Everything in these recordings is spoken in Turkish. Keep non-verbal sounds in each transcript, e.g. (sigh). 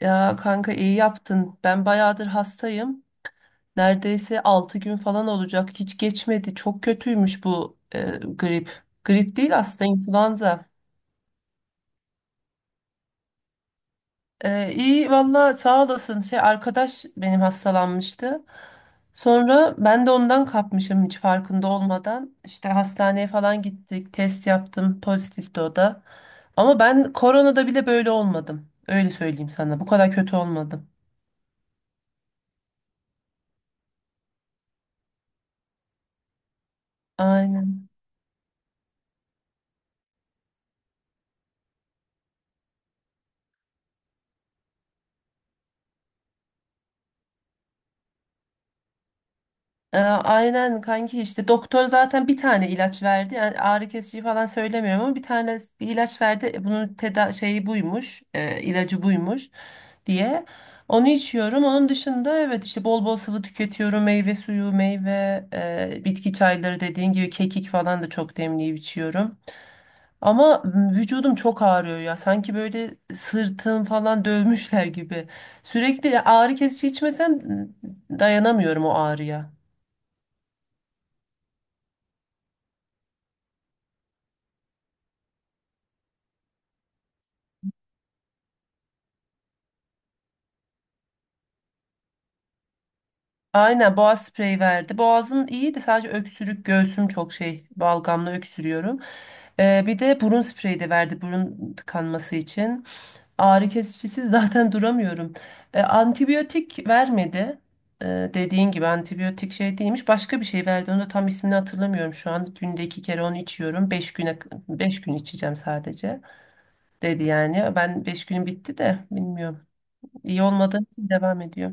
Ya kanka iyi yaptın. Ben bayağıdır hastayım. Neredeyse 6 gün falan olacak. Hiç geçmedi. Çok kötüymüş bu grip. Grip değil aslında influenza. İyi valla sağ olasın. Şey arkadaş benim hastalanmıştı. Sonra ben de ondan kapmışım hiç farkında olmadan. İşte hastaneye falan gittik. Test yaptım. Pozitifti o da. Ama ben koronada bile böyle olmadım. Öyle söyleyeyim sana. Bu kadar kötü olmadım. Aynen. Aynen kanki işte doktor zaten bir tane ilaç verdi. Yani ağrı kesici falan söylemiyorum ama bir tane bir ilaç verdi. E, bunun teda şeyi buymuş, ilacı buymuş diye. Onu içiyorum. Onun dışında evet işte bol bol sıvı tüketiyorum. Meyve suyu, meyve, bitki çayları dediğin gibi kekik falan da çok demleyip içiyorum. Ama vücudum çok ağrıyor ya. Sanki böyle sırtım falan dövmüşler gibi. Sürekli ağrı kesici içmesem dayanamıyorum o ağrıya. Aynen boğaz spreyi verdi. Boğazım iyiydi sadece öksürük göğsüm çok şey balgamla öksürüyorum. Bir de burun spreyi de verdi burun tıkanması için. Ağrı kesicisiz (laughs) zaten duramıyorum. Antibiyotik vermedi. Dediğin gibi antibiyotik şey değilmiş. Başka bir şey verdi. Onu da tam ismini hatırlamıyorum şu an. Günde 2 kere onu içiyorum. 5 gün içeceğim sadece dedi yani. Ben 5 günüm bitti de bilmiyorum. İyi olmadığı için devam ediyor.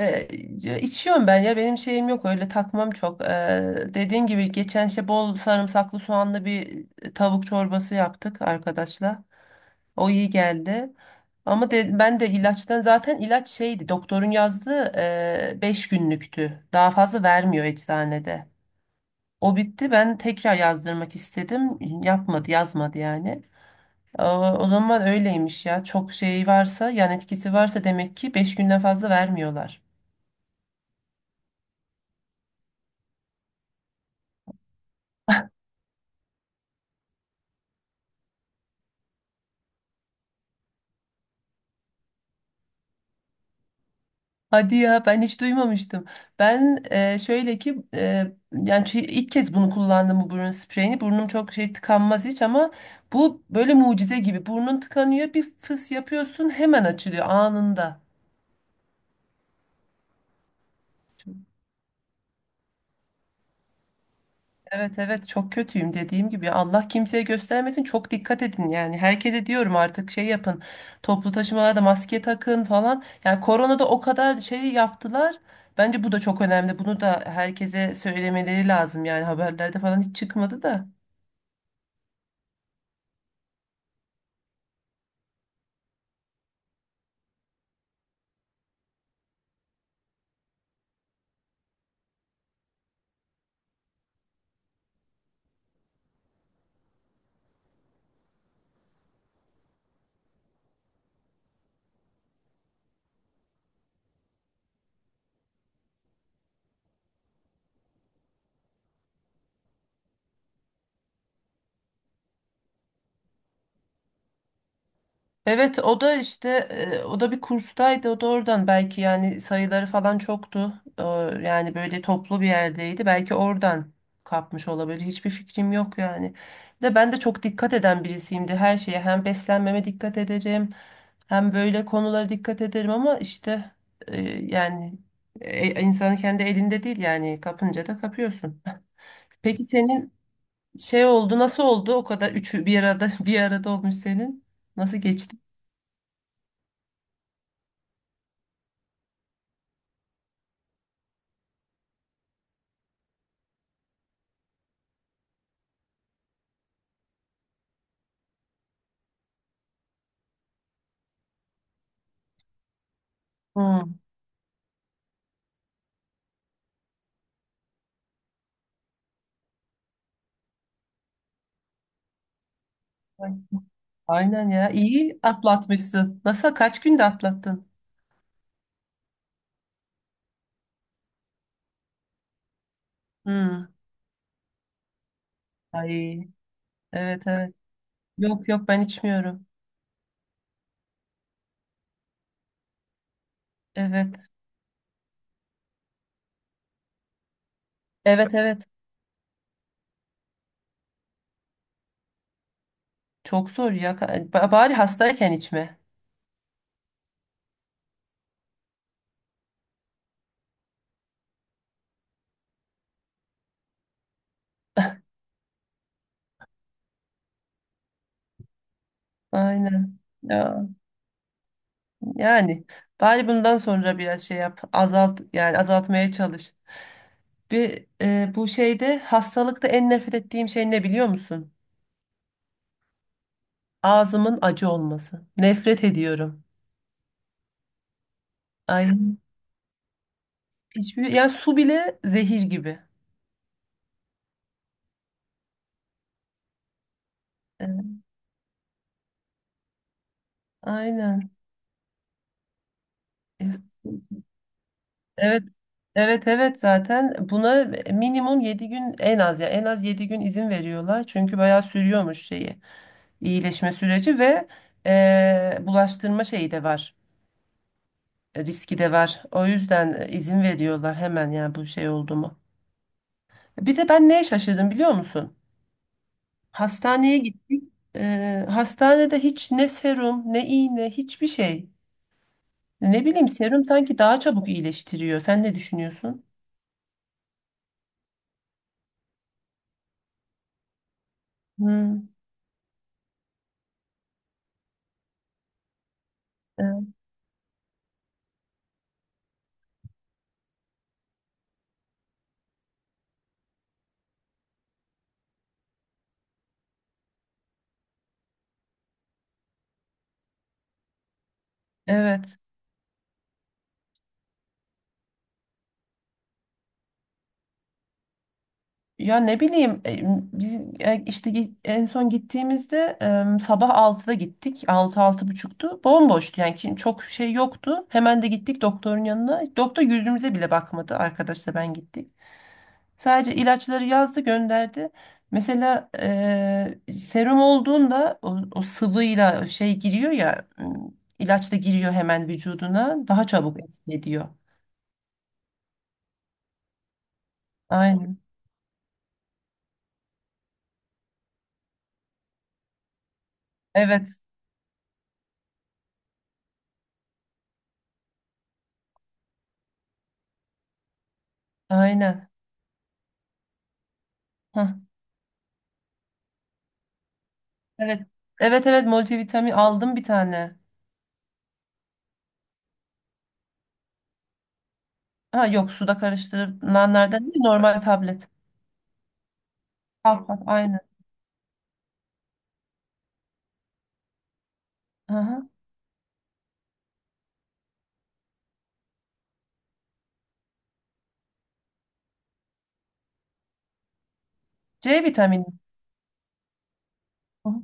E, içiyorum ben ya benim şeyim yok öyle takmam çok. Dediğin gibi geçen şey bol sarımsaklı soğanlı bir tavuk çorbası yaptık arkadaşla. O iyi geldi. Ama ben de ilaçtan zaten ilaç şeydi doktorun yazdığı 5 günlüktü. Daha fazla vermiyor eczanede. O bitti ben tekrar yazdırmak istedim. Yapmadı yazmadı yani. O zaman öyleymiş ya. Çok şey varsa yan etkisi varsa demek ki 5 günden fazla vermiyorlar. Hadi ya ben hiç duymamıştım. Ben şöyle ki yani ilk kez bunu kullandım bu burun spreyini. Burnum çok şey tıkanmaz hiç ama bu böyle mucize gibi. Burnun tıkanıyor bir fıs yapıyorsun hemen açılıyor anında. Evet, evet, çok kötüyüm dediğim gibi. Allah kimseye göstermesin, çok dikkat edin yani herkese diyorum artık şey yapın, toplu taşımalarda maske takın falan. Yani koronada o kadar şey yaptılar, bence bu da çok önemli, bunu da herkese söylemeleri lazım yani. Haberlerde falan hiç çıkmadı da. Evet o da işte o da bir kurstaydı, o da oradan belki yani sayıları falan çoktu. Ee, Yani böyle toplu bir yerdeydi, belki oradan kapmış olabilir, hiçbir fikrim yok yani. Bir de ben de çok dikkat eden birisiyimdi her şeye, hem beslenmeme dikkat ederim hem böyle konulara dikkat ederim ama işte yani insanın kendi elinde değil yani, kapınca da kapıyorsun. Peki senin şey oldu, nasıl oldu o kadar üçü bir arada (laughs) bir arada olmuş senin nasıl geçti? Hmm. Ay, aynen ya. İyi atlatmışsın. Nasıl? Kaç günde atlattın? Hmm. Ay. Evet, evet. Yok, yok, ben içmiyorum. Evet. Evet, evet. Çok zor ya. Bari hastayken içme. Aynen. Ya, yani bari bundan sonra biraz şey yap. Azalt yani, azaltmaya çalış. Bir bu şeyde, hastalıkta en nefret ettiğim şey ne biliyor musun? Ağzımın acı olması. Nefret ediyorum. Ay, hiçbir yani, su bile zehir gibi. Evet. Aynen. Es- Evet. Evet, evet, zaten buna minimum 7 gün, en az ya en az 7 gün izin veriyorlar. Çünkü bayağı sürüyormuş şeyi, iyileşme süreci ve bulaştırma şeyi de var. Riski de var. O yüzden izin veriyorlar hemen, yani bu şey oldu mu. Bir de ben neye şaşırdım biliyor musun? Hastaneye gittik. Hastanede hiç ne serum ne iğne, hiçbir şey. Ne bileyim serum sanki daha çabuk iyileştiriyor. Sen ne düşünüyorsun? Hmm. Evet. Evet. Ya ne bileyim biz işte en son gittiğimizde sabah 6'da gittik. Altı altı buçuktu. Bomboştu yani, çok şey yoktu. Hemen de gittik doktorun yanına. Doktor yüzümüze bile bakmadı, arkadaşla ben gittik. Sadece ilaçları yazdı gönderdi. Mesela serum olduğunda o sıvıyla şey giriyor ya, ilaç da giriyor hemen vücuduna, daha çabuk etki ediyor. Aynen. Evet. Aynen. Evet. Evet, evet, multivitamin aldım bir tane. Ha yok, suda karıştırılanlardan değil, normal tablet. Hap hap aynı. Aha. C vitamini. Hı hı.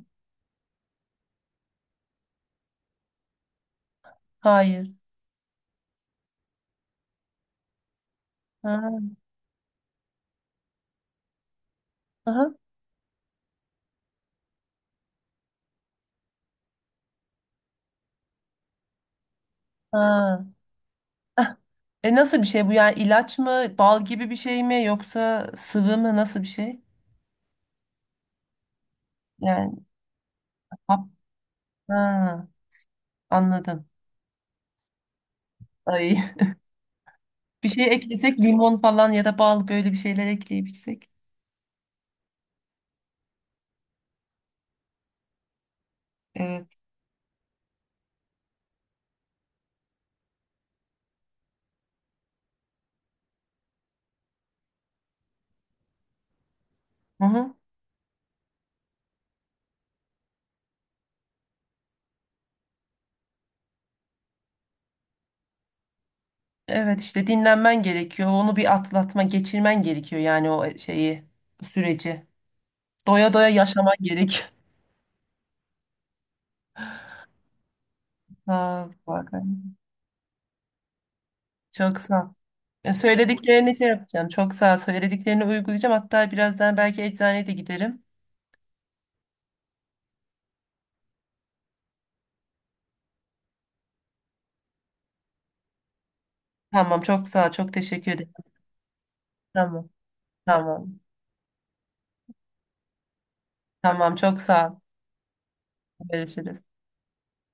Hayır. Ha. Aha. Ha. E nasıl bir şey bu yani, ilaç mı, bal gibi bir şey mi, yoksa sıvı mı, nasıl bir şey? Yani hap. Ha. Anladım. Ay. (laughs) Bir şey eklesek, limon falan ya da bal, böyle bir şeyler ekleyip içsek. Evet. Hı hı. Evet işte, dinlenmen gerekiyor. Onu bir atlatma, geçirmen gerekiyor yani o şeyi, süreci. Doya doya yaşaman gerekiyor. (laughs) Ha, bak. Çok sağ ol. Ya, söylediklerini şey yapacağım. Çok sağ ol. Söylediklerini uygulayacağım. Hatta birazdan belki eczaneye de giderim. Tamam, çok sağ ol. Çok teşekkür ederim. Tamam. Tamam. Tamam, çok sağ ol. Görüşürüz.